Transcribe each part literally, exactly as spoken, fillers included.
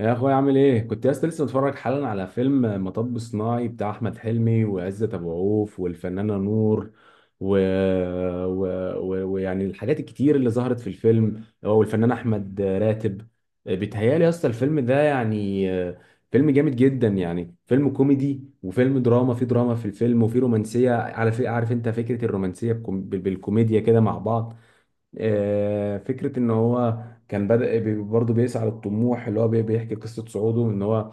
يا اخويا عامل ايه؟ كنت لسه لسه متفرج حالا على فيلم مطب صناعي بتاع احمد حلمي وعزت ابو عوف والفنانه نور و... و... و... ويعني الحاجات الكتير اللي ظهرت في الفيلم هو والفنان احمد راتب. بيتهيالي يا اسطى الفيلم ده يعني فيلم جامد جدا، يعني فيلم كوميدي وفيلم دراما، في دراما في الفيلم وفي رومانسيه على في... عارف انت فكره الرومانسيه بكم... بال- بالكوميديا كده مع بعض. آه، فكرة ان هو كان بدأ بي- برضه بيسعى للطموح، اللي هو بي- بيحكي قصة صعوده، ان هو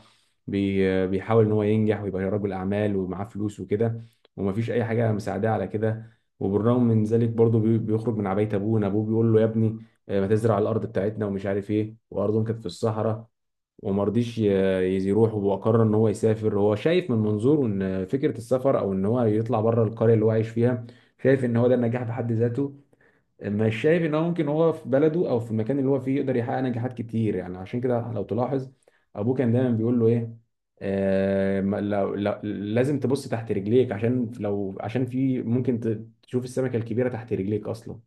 بي- بيحاول ان هو ينجح ويبقى رجل اعمال ومعاه فلوس وكده، ومفيش اي حاجة مساعداه على كده. وبالرغم من ذلك برضه بي- بيخرج من عباية ابوه، ان ابوه بيقول له يا ابني آه، ما تزرع الارض بتاعتنا ومش عارف ايه، وارضهم كانت في الصحراء. وما رضيش ي- يز- يروح، وقرر ان هو يسافر. هو شايف من منظوره ان فكرة السفر او ان هو يطلع بره القرية اللي هو عايش فيها، شايف ان هو ده النجاح بحد ذاته. مش شايف ان هو ممكن هو في بلده او في المكان اللي هو فيه يقدر يحقق نجاحات كتير. يعني عشان كده لو تلاحظ ابوه كان دايما بيقول له ايه؟ آه، ما- لو لو- لازم تبص تحت رجليك، عشان لو عشان في ممكن ت- تشوف السمكة الكبيرة تحت رجليك اصلا.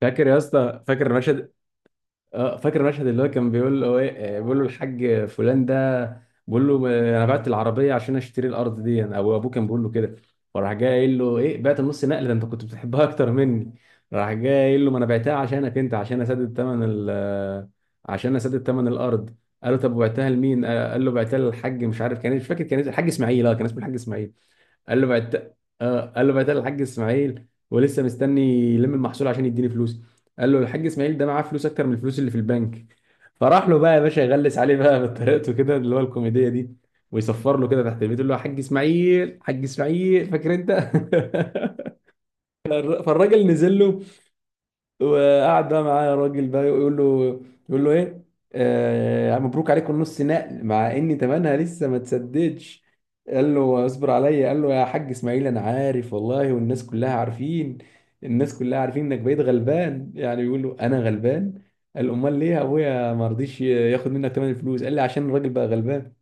فاكر يا اسطى؟ فاكر المشهد؟ اه فاكر المشهد اللي هو كان بيقول له ايه، آه، بيقول له الحاج فلان ده، بيقول له آه، انا بعت العربيه عشان اشتري الارض دي، انا او ابوه كان بيقول له كده، وراح جاي قايل له ايه؟ بعت النص نقل ده؟ انت كنت بتحبها اكتر مني. راح جاي قايل له ما انا بعتها عشانك انت، عشان اسدد ثمن ال آه، عشان اسدد ثمن الارض. قال له طب وبعتها لمين؟ آه، قال له بعتها للحاج مش عارف، كان مش فاكر كان اسمه، الحاج اسماعيل، اه كان اسمه الحاج اسماعيل. قال له بعت، اه قال له بعتها الحاج اسماعيل ولسه مستني يلم المحصول عشان يديني فلوس. قال له الحاج اسماعيل ده معاه فلوس اكتر من الفلوس اللي في البنك. فراح له بقى يا باشا يغلس عليه بقى بطريقته كده اللي هو الكوميديه دي، ويصفر له كده تحت البيت يقول له يا حاج اسماعيل، حاج اسماعيل، فاكر انت؟ فالراجل نزل له، وقعد بقى معاه الراجل بقى يقول له، يقول له ايه آه، يعني مبروك عليكم نص نقل، مع ان تمنها لسه ما تسددش. قال له اصبر عليا، قال له يا حاج اسماعيل انا عارف والله، والناس كلها عارفين، الناس كلها عارفين انك بقيت غلبان. يعني بيقول له انا غلبان. قال امال ليه يا ابويا ما رضيش ياخد منك تمن الفلوس؟ قال لي عشان الراجل بقى غلبان.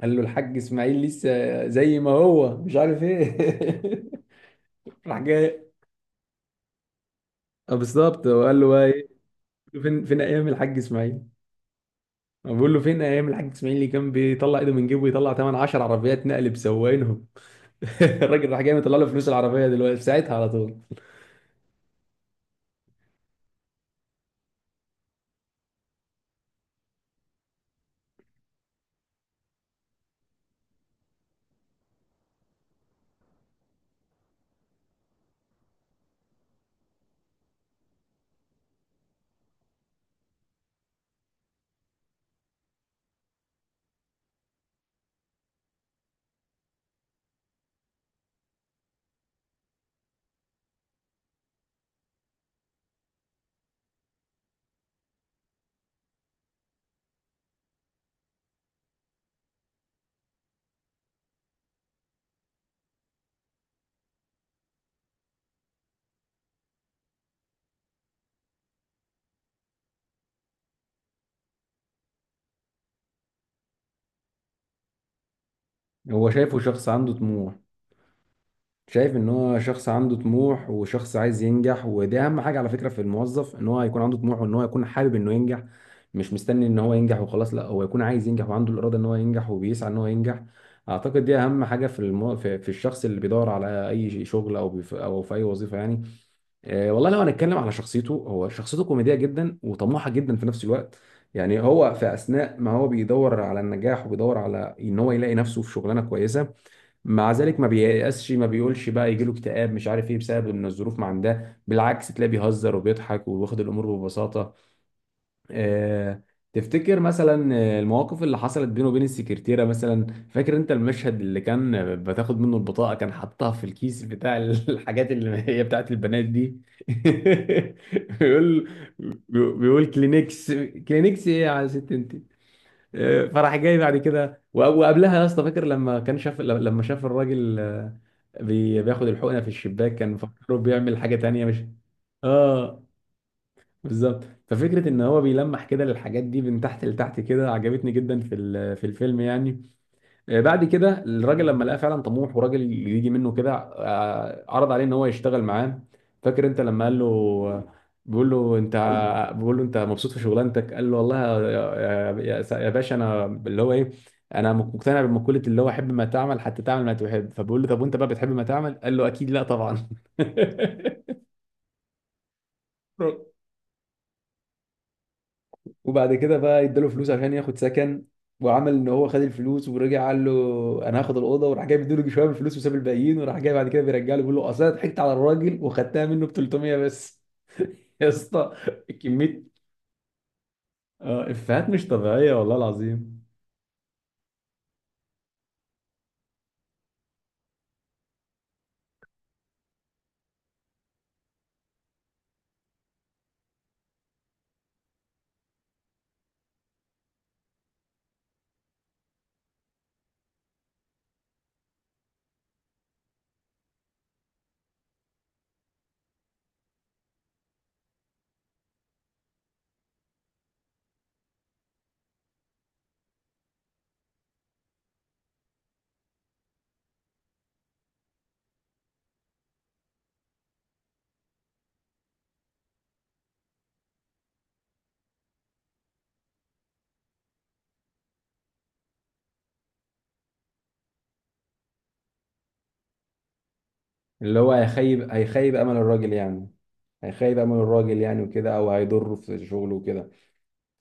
قال له الحاج اسماعيل لسه زي ما هو مش عارف ايه. راح جاي آه، بالظبط، وقال له بقى ايه؟ فين فين ايام الحاج اسماعيل؟ بقول له فين ايام الحاج اسماعيل اللي كان بيطلع ايده من جيبه ويطلع ثمن عشر عربيات نقل بسواقينهم؟ الراجل راح جاي مطلع له فلوس العربيه دلوقتي ساعتها على طول. هو شايفه شخص عنده طموح، شايف ان هو شخص عنده طموح وشخص عايز ينجح، ودي اهم حاجه على فكره في الموظف، ان هو يكون عنده طموح وان هو يكون حابب انه ينجح. مش مستني ان هو ينجح وخلاص، لا، هو يكون عايز ينجح وعنده الاراده ان هو ينجح وبيسعى ان هو ينجح. اعتقد دي اهم حاجه في المو... في في الشخص اللي بيدور على اي شغل او بيف... او في اي وظيفه يعني. آه، والله لو هنتكلم على شخصيته، هو شخصيته كوميدية جدا وطموحة جدا في نفس الوقت. يعني هو في أثناء ما هو بيدور على النجاح وبيدور على إن هو يلاقي نفسه في شغلانة كويسة، مع ذلك ما بييأسش، ما بيقولش بقى يجيله اكتئاب مش عارف إيه بسبب إن الظروف ما عندها. بالعكس، تلاقيه بيهزر وبيضحك وبياخد الأمور ببساطة. آه، تفتكر مثلا آه، المواقف اللي حصلت بينه وبين السكرتيرة مثلا؟ فاكر انت المشهد اللي كان بتاخد منه البطاقة، كان حاطها في الكيس بتاع ال- الحاجات اللي هي بتاعت البنات دي بيقول، بيقول كلينكس. كلينكس ايه يا ست انت؟ آه، فراح جاي بعد كده و- وقبلها يا اسطى فاكر لما كان شاف، لما شاف الراجل آه، بي- بياخد الحقنة في الشباك، كان فكره بيعمل حاجة تانية مش، اه بالظبط. ففكره ان هو بيلمح كده للحاجات دي من تحت لتحت، كده عجبتني جدا في ال- في الفيلم يعني. آه، بعد كده الراجل لما لقاه فعلا طموح وراجل يجي منه كده، آه، عرض عليه ان هو يشتغل معاه. فاكر انت لما قال له، بيقول له انت، بيقول له انت مبسوط في شغلانتك؟ قال له والله يا يا- يا- يا باشا انا اللي هو ايه، انا مقتنع بمقوله اللي هو حب ما تعمل حتى تعمل ما تحب. فبيقول له طب وانت بقى بتحب ما تعمل؟ قال له اكيد لا طبعا. وبعد كده بقى اداله فلوس عشان ياخد سكن، وعمل ان هو خد الفلوس ورجع قال له انا هاخد الاوضه، وراح جاي بيديله شويه من الفلوس وساب الباقيين، وراح جاي بعد كده بيرجع له بيقول له اصل انا ضحكت على الراجل وخدتها منه ب تلتمية بس. يا اسطى كميه آه، افيهات مش طبيعيه والله العظيم. اللي هو هيخيب هيخيب امل الراجل يعني، هيخيب امل الراجل يعني وكده، او هيضره في شغله وكده.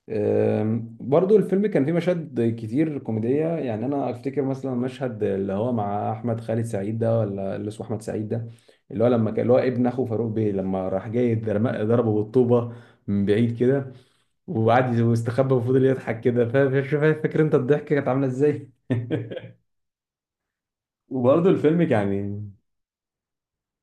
أم، برضو الفيلم كان فيه مشاهد كتير كوميدية، يعني أنا أفتكر مثلا مشهد اللي هو مع أحمد خالد سعيد ده، ولا اللي اسمه أحمد سعيد ده، اللي هو لما كان اللي هو ابن أخو فاروق بيه لما راح جاي درم- ضربه بالطوبة من بعيد كده، وقعد يستخبى وفضل يضحك كده، فا- فا- شوف فاكر أنت الضحكة كانت عاملة إزاي؟ وبرضو الفيلم يعني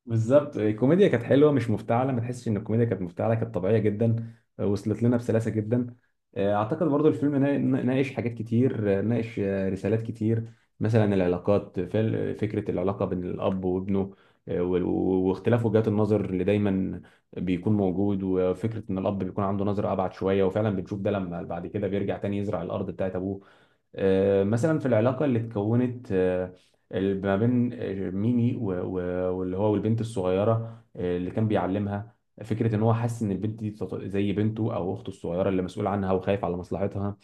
بالظبط الكوميديا كانت حلوه مش مفتعله، ما تحسش ان الكوميديا كانت مفتعله، كانت طبيعيه جدا. آه، وصلت لنا بسلاسه جدا. آه، اعتقد برضو الفيلم نا- ناقش حاجات كتير، آه، ناقش آه، رسالات كتير. مثلا العلاقات، فل- فكره العلاقه بين الاب وابنه وال- واختلاف وجهات النظر اللي دايما بيكون موجود، وفكره ان الاب بيكون عنده نظره ابعد شويه، وفعلا بنشوف ده لما بعد كده بيرجع تاني يزرع الارض بتاعت ابوه. آه، مثلا في العلاقة اللي اتكونت، آه، ال- ما بين آه، ميمي و- و- واللي هو والبنت الصغيرة آه، اللي كان بيعلمها، فكرة ان هو حاسس ان البنت دي تط- زي بنته او اخته الصغيرة اللي مسؤول عنها وخايف على مصلحتها.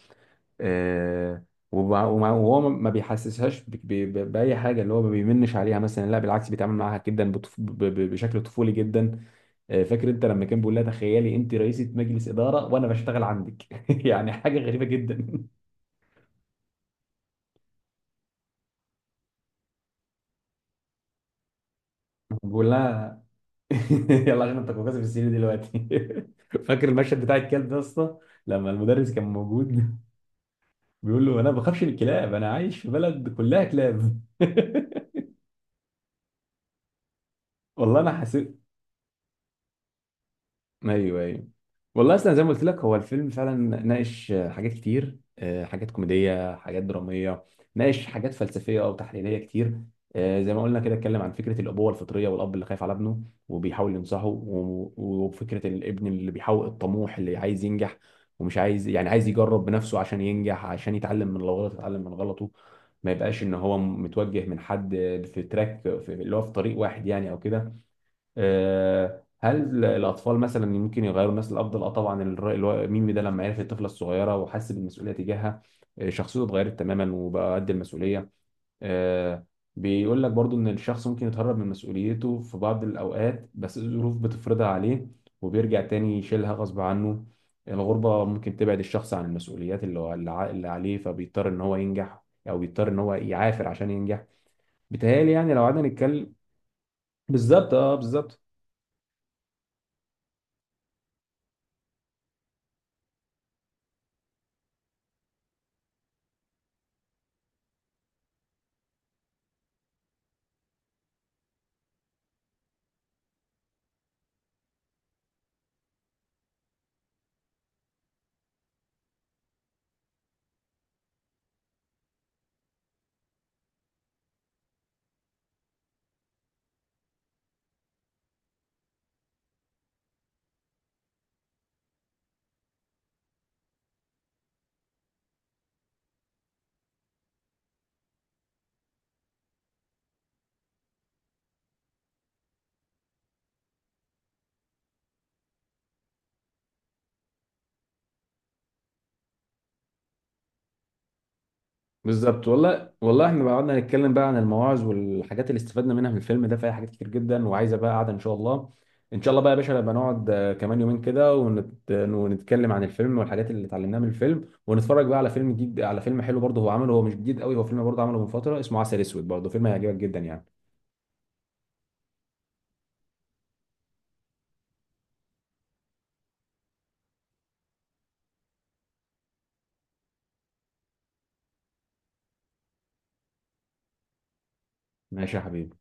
آه، وب- وما- وهو ما بيحسسهاش ب- ب- ب- بأي حاجة، اللي هو ما بيمنش عليها مثلا، لا، بالعكس، بيتعامل معاها جدا بطف- ب- ب- بشكل طفولي جدا. آه، فاكر انت لما كان بيقول لها تخيلي انت رئيسة مجلس إدارة وانا بشتغل عندك؟ يعني حاجة غريبة جدا. بقول لها يلا عشان انت كوكاز في السرير دلوقتي. فاكر المشهد بتاع الكلب ده يا اسطى؟ لما المدرس كان موجود بيقول له انا ما بخافش من الكلاب، انا عايش في بلد كلها كلاب. والله انا حسيت. ايوه ايوه. والله اصلا زي ما قلت لك هو الفيلم فعلا ناقش آه، حاجات كتير، آه، حاجات كوميديه، حاجات دراميه، ناقش حاجات فلسفيه او تحليليه كتير. آه، زي ما قلنا كده اتكلم عن فكره الابوه الفطريه، والاب اللي خايف على ابنه وبيحاول ينصحه، و- وفكره الابن اللي بيحاول الطموح اللي عايز ينجح، ومش عايز، يعني عايز يجرب بنفسه عشان ينجح، عشان يتعلم من غلطه، يتعلم من غلطه، ما يبقاش ان هو متوجه من حد، في تراك في اللي هو في طريق واحد يعني او كده. آه، هل الاطفال مثلا ممكن يغيروا الناس للافضل؟ اه طبعا، الر- الو- ميمي ده لما عرف الطفله الصغيره وحس بالمسؤوليه تجاهها، آه، شخصيته اتغيرت تماما وبقى قد المسؤوليه. آه، بيقول لك برضو ان الشخص ممكن يتهرب من مسؤوليته في بعض الاوقات، بس الظروف بتفرضها عليه وبيرجع تاني يشيلها غصب عنه. الغربه ممكن تبعد الشخص عن المسؤوليات اللي هو- اللي ع- اللي عليه، فبيضطر ان هو ينجح، او بيضطر ان هو يعافر عشان ينجح. بيتهيألي يعني لو قعدنا نتكلم، بالظبط، اه بالظبط بالظبط، والله والله احنا بقى قعدنا نتكلم بقى عن المواعظ والحاجات اللي استفدنا منها من الفيلم ده، فيها حاجات كتير جدا، وعايزه بقى قعده ان شاء الله. ان شاء الله بقى يا باشا نبقى نقعد آه، كمان يومين كده ونت... ونتكلم عن الفيلم والحاجات اللي اتعلمناها من الفيلم، ونتفرج بقى على فيلم جديد، على فيلم حلو برضه هو عمله، هو مش جديد قوي، هو فيلم برضه عمله من فتره، اسمه عسل اسود، برضه فيلم هيعجبك جدا يعني. ماشي يا حبيبي.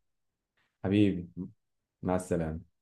حبيبي، مع السلامه.